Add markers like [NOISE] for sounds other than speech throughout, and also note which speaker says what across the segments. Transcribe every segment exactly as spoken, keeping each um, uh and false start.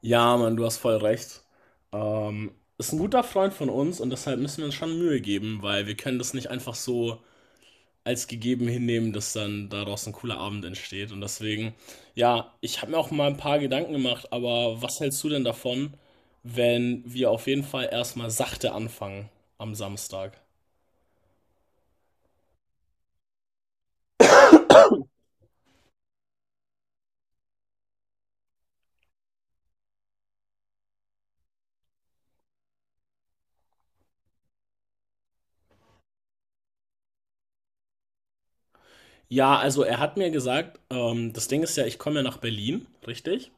Speaker 1: Ja, Mann, du hast voll recht. Ähm, ist ein guter Freund von uns und deshalb müssen wir uns schon Mühe geben, weil wir können das nicht einfach so als gegeben hinnehmen, dass dann daraus ein cooler Abend entsteht. Und deswegen, ja, ich habe mir auch mal ein paar Gedanken gemacht, aber was hältst du denn davon, wenn wir auf jeden Fall erstmal sachte anfangen am Samstag? Ja, also er hat mir gesagt, ähm, das Ding ist ja, ich komme ja nach Berlin, richtig?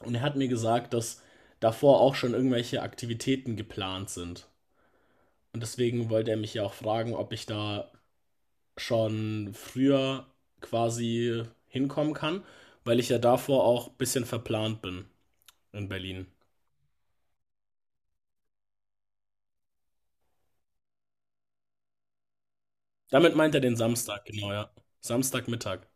Speaker 1: Und er hat mir gesagt, dass davor auch schon irgendwelche Aktivitäten geplant sind. Und deswegen wollte er mich ja auch fragen, ob ich da schon früher quasi hinkommen kann, weil ich ja davor auch ein bisschen verplant bin in Berlin. Damit meint er den Samstag, genau, ja. Samstagmittag.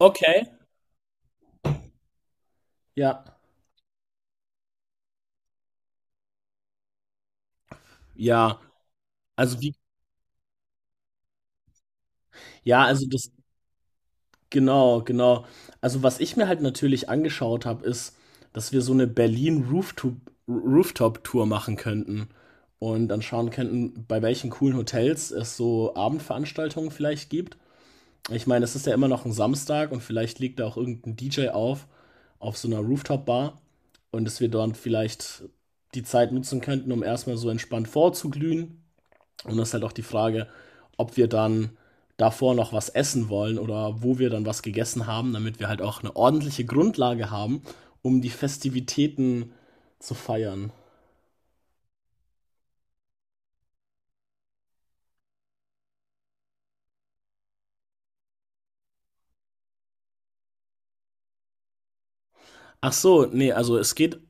Speaker 1: Okay. Ja. Ja. Also wie, ja, also das, genau, genau. Also, was ich mir halt natürlich angeschaut habe, ist, dass wir so eine Berlin Rooftop Rooftop-Tour machen könnten und dann schauen könnten, bei welchen coolen Hotels es so Abendveranstaltungen vielleicht gibt. Ich meine, es ist ja immer noch ein Samstag und vielleicht legt da auch irgend 'n D J auf auf so einer Rooftop-Bar und dass wir dort vielleicht die Zeit nutzen könnten, um erstmal so entspannt vorzuglühen. Und das ist halt auch die Frage, ob wir dann davor noch was essen wollen oder wo wir dann was gegessen haben, damit wir halt auch eine ordentliche Grundlage haben, um die Festivitäten zu feiern. Ach so, nee, also es geht,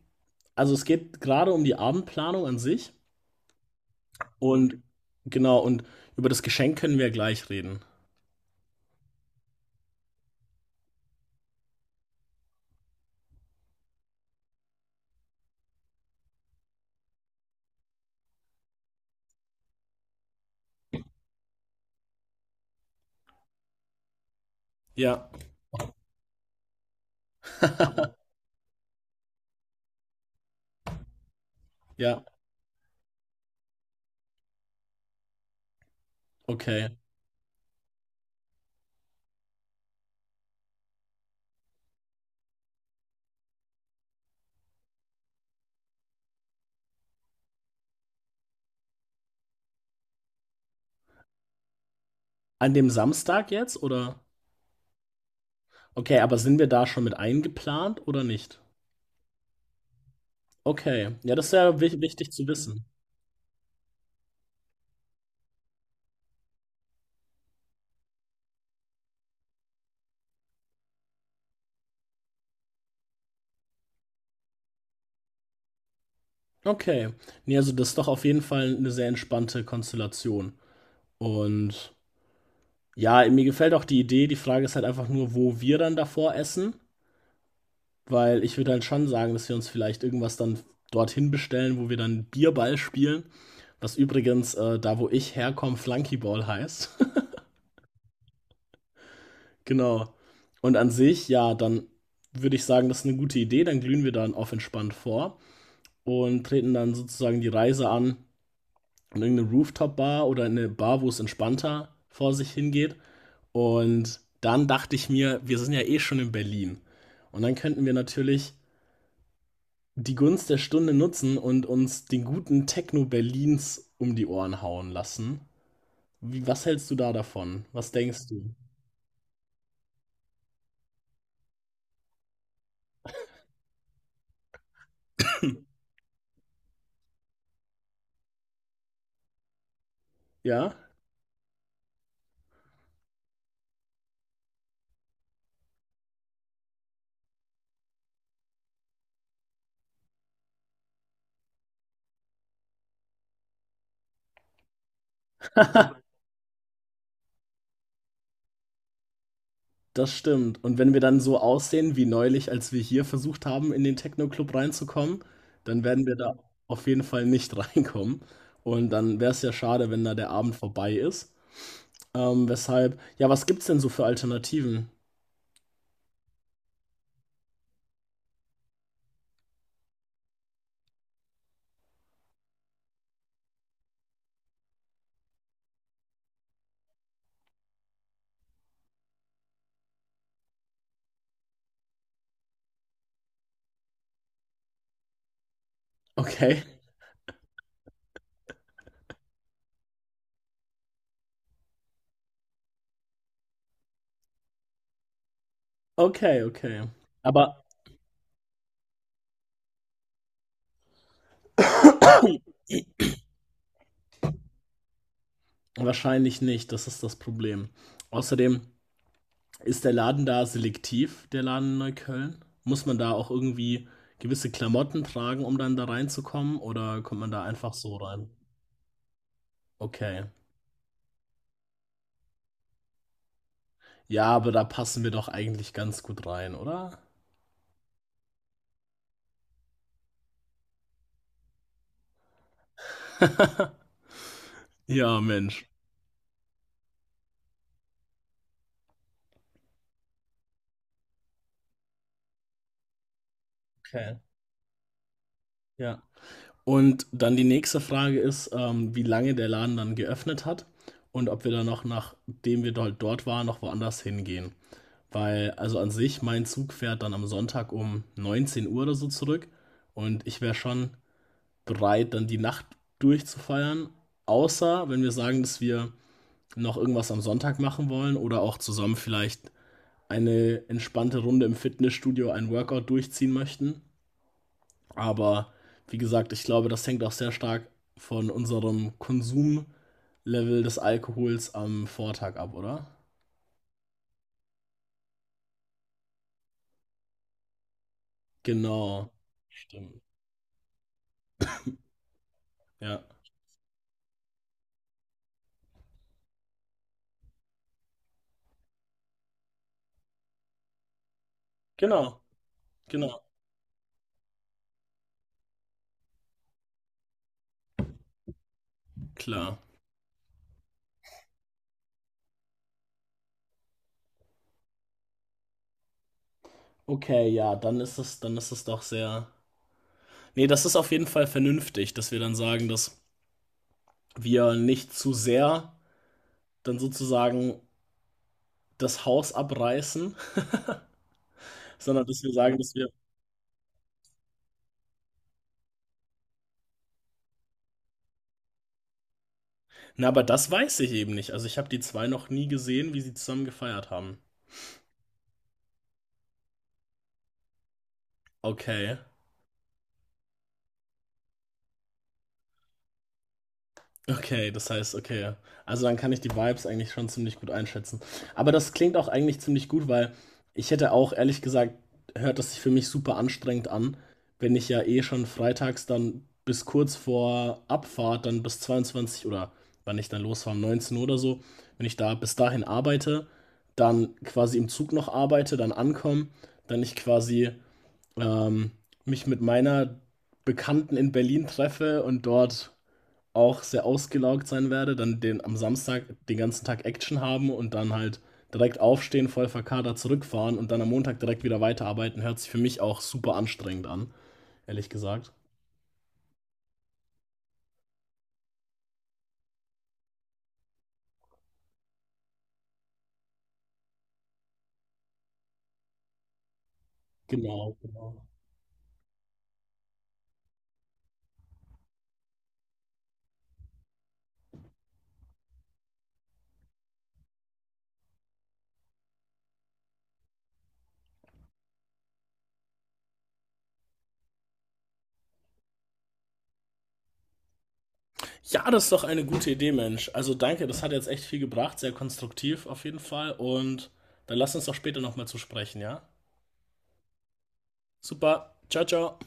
Speaker 1: also es geht gerade um die Abendplanung an sich und genau, und über das Geschenk können wir gleich reden. Ja. [LAUGHS] Ja, okay. An dem Samstag jetzt oder? Okay, aber sind wir da schon mit eingeplant oder nicht? Okay, ja, das ist ja wich- wichtig zu wissen. Okay. Ne, also das ist doch auf jeden Fall eine sehr entspannte Konstellation. Und ja, mir gefällt auch die Idee. Die Frage ist halt einfach nur, wo wir dann davor essen, weil ich würde halt schon sagen, dass wir uns vielleicht irgendwas dann dorthin bestellen, wo wir dann Bierball spielen, was übrigens, äh, da, wo ich herkomme, Flunkyball heißt. [LAUGHS] Genau. Und an sich, ja, dann würde ich sagen, das ist eine gute Idee. Dann glühen wir dann auf entspannt vor und treten dann sozusagen die Reise an in irgendeine Rooftop-Bar oder in eine Bar, wo es entspannter vor sich hingeht. Und dann dachte ich mir, wir sind ja eh schon in Berlin. Und dann könnten wir natürlich die Gunst der Stunde nutzen und uns den guten Techno Berlins um die Ohren hauen lassen. Wie, was hältst du da davon? Was denkst du? Ja? Das stimmt. Und wenn wir dann so aussehen wie neulich, als wir hier versucht haben, in den Techno-Club reinzukommen, dann werden wir da auf jeden Fall nicht [LAUGHS] reinkommen. Und dann wäre es ja schade, wenn da der Abend vorbei ist. Ähm, weshalb, ja, was gibt's denn so für Alternativen? Okay, [LAUGHS] okay, okay. Aber wahrscheinlich nicht, das ist das Problem. Außerdem ist der Laden da selektiv, der Laden in Neukölln? Muss man da auch irgendwie gewisse Klamotten tragen, um dann da reinzukommen? Oder kommt man da einfach so rein? Okay. Ja, aber da passen wir doch eigentlich ganz gut rein, oder? [LAUGHS] Ja, Mensch. Okay. Ja. Und dann die nächste Frage ist, ähm, wie lange der Laden dann geöffnet hat und ob wir dann noch, nachdem wir dort dort waren, noch woanders hingehen. Weil, also an sich, mein Zug fährt dann am Sonntag um neunzehn Uhr oder so zurück und ich wäre schon bereit, dann die Nacht durchzufeiern, außer wenn wir sagen, dass wir noch irgendwas am Sonntag machen wollen oder auch zusammen vielleicht eine entspannte Runde im Fitnessstudio ein Workout durchziehen möchten. Aber wie gesagt, ich glaube, das hängt auch sehr stark von unserem Konsumlevel des Alkohols am Vortag ab, oder? Genau. Stimmt. Ja. Genau. Genau. Klar. Okay, ja, dann ist es, dann ist es doch sehr. Nee, das ist auf jeden Fall vernünftig, dass wir dann sagen, dass wir nicht zu sehr dann sozusagen das Haus abreißen, [LAUGHS] sondern dass wir sagen, dass wir na, aber das weiß ich eben nicht. Also ich habe die zwei noch nie gesehen, wie sie zusammen gefeiert haben. Okay. Okay, das heißt, okay. Also dann kann ich die Vibes eigentlich schon ziemlich gut einschätzen. Aber das klingt auch eigentlich ziemlich gut, weil ich hätte auch ehrlich gesagt, hört das sich für mich super anstrengend an, wenn ich ja eh schon freitags dann bis kurz vor Abfahrt, dann bis zweiundzwanzig oder wann ich dann losfahre, um neunzehn Uhr oder so, wenn ich da bis dahin arbeite, dann quasi im Zug noch arbeite, dann ankomme, dann ich quasi ähm, mich mit meiner Bekannten in Berlin treffe und dort auch sehr ausgelaugt sein werde, dann den am Samstag den ganzen Tag Action haben und dann halt direkt aufstehen, voll verkadert zurückfahren und dann am Montag direkt wieder weiterarbeiten, hört sich für mich auch super anstrengend an, ehrlich gesagt. Genau, genau. Ja, das ist doch eine gute Idee, Mensch. Also danke, das hat jetzt echt viel gebracht, sehr konstruktiv auf jeden Fall. Und dann lass uns doch später nochmal zu sprechen, ja? Super, ciao, ciao.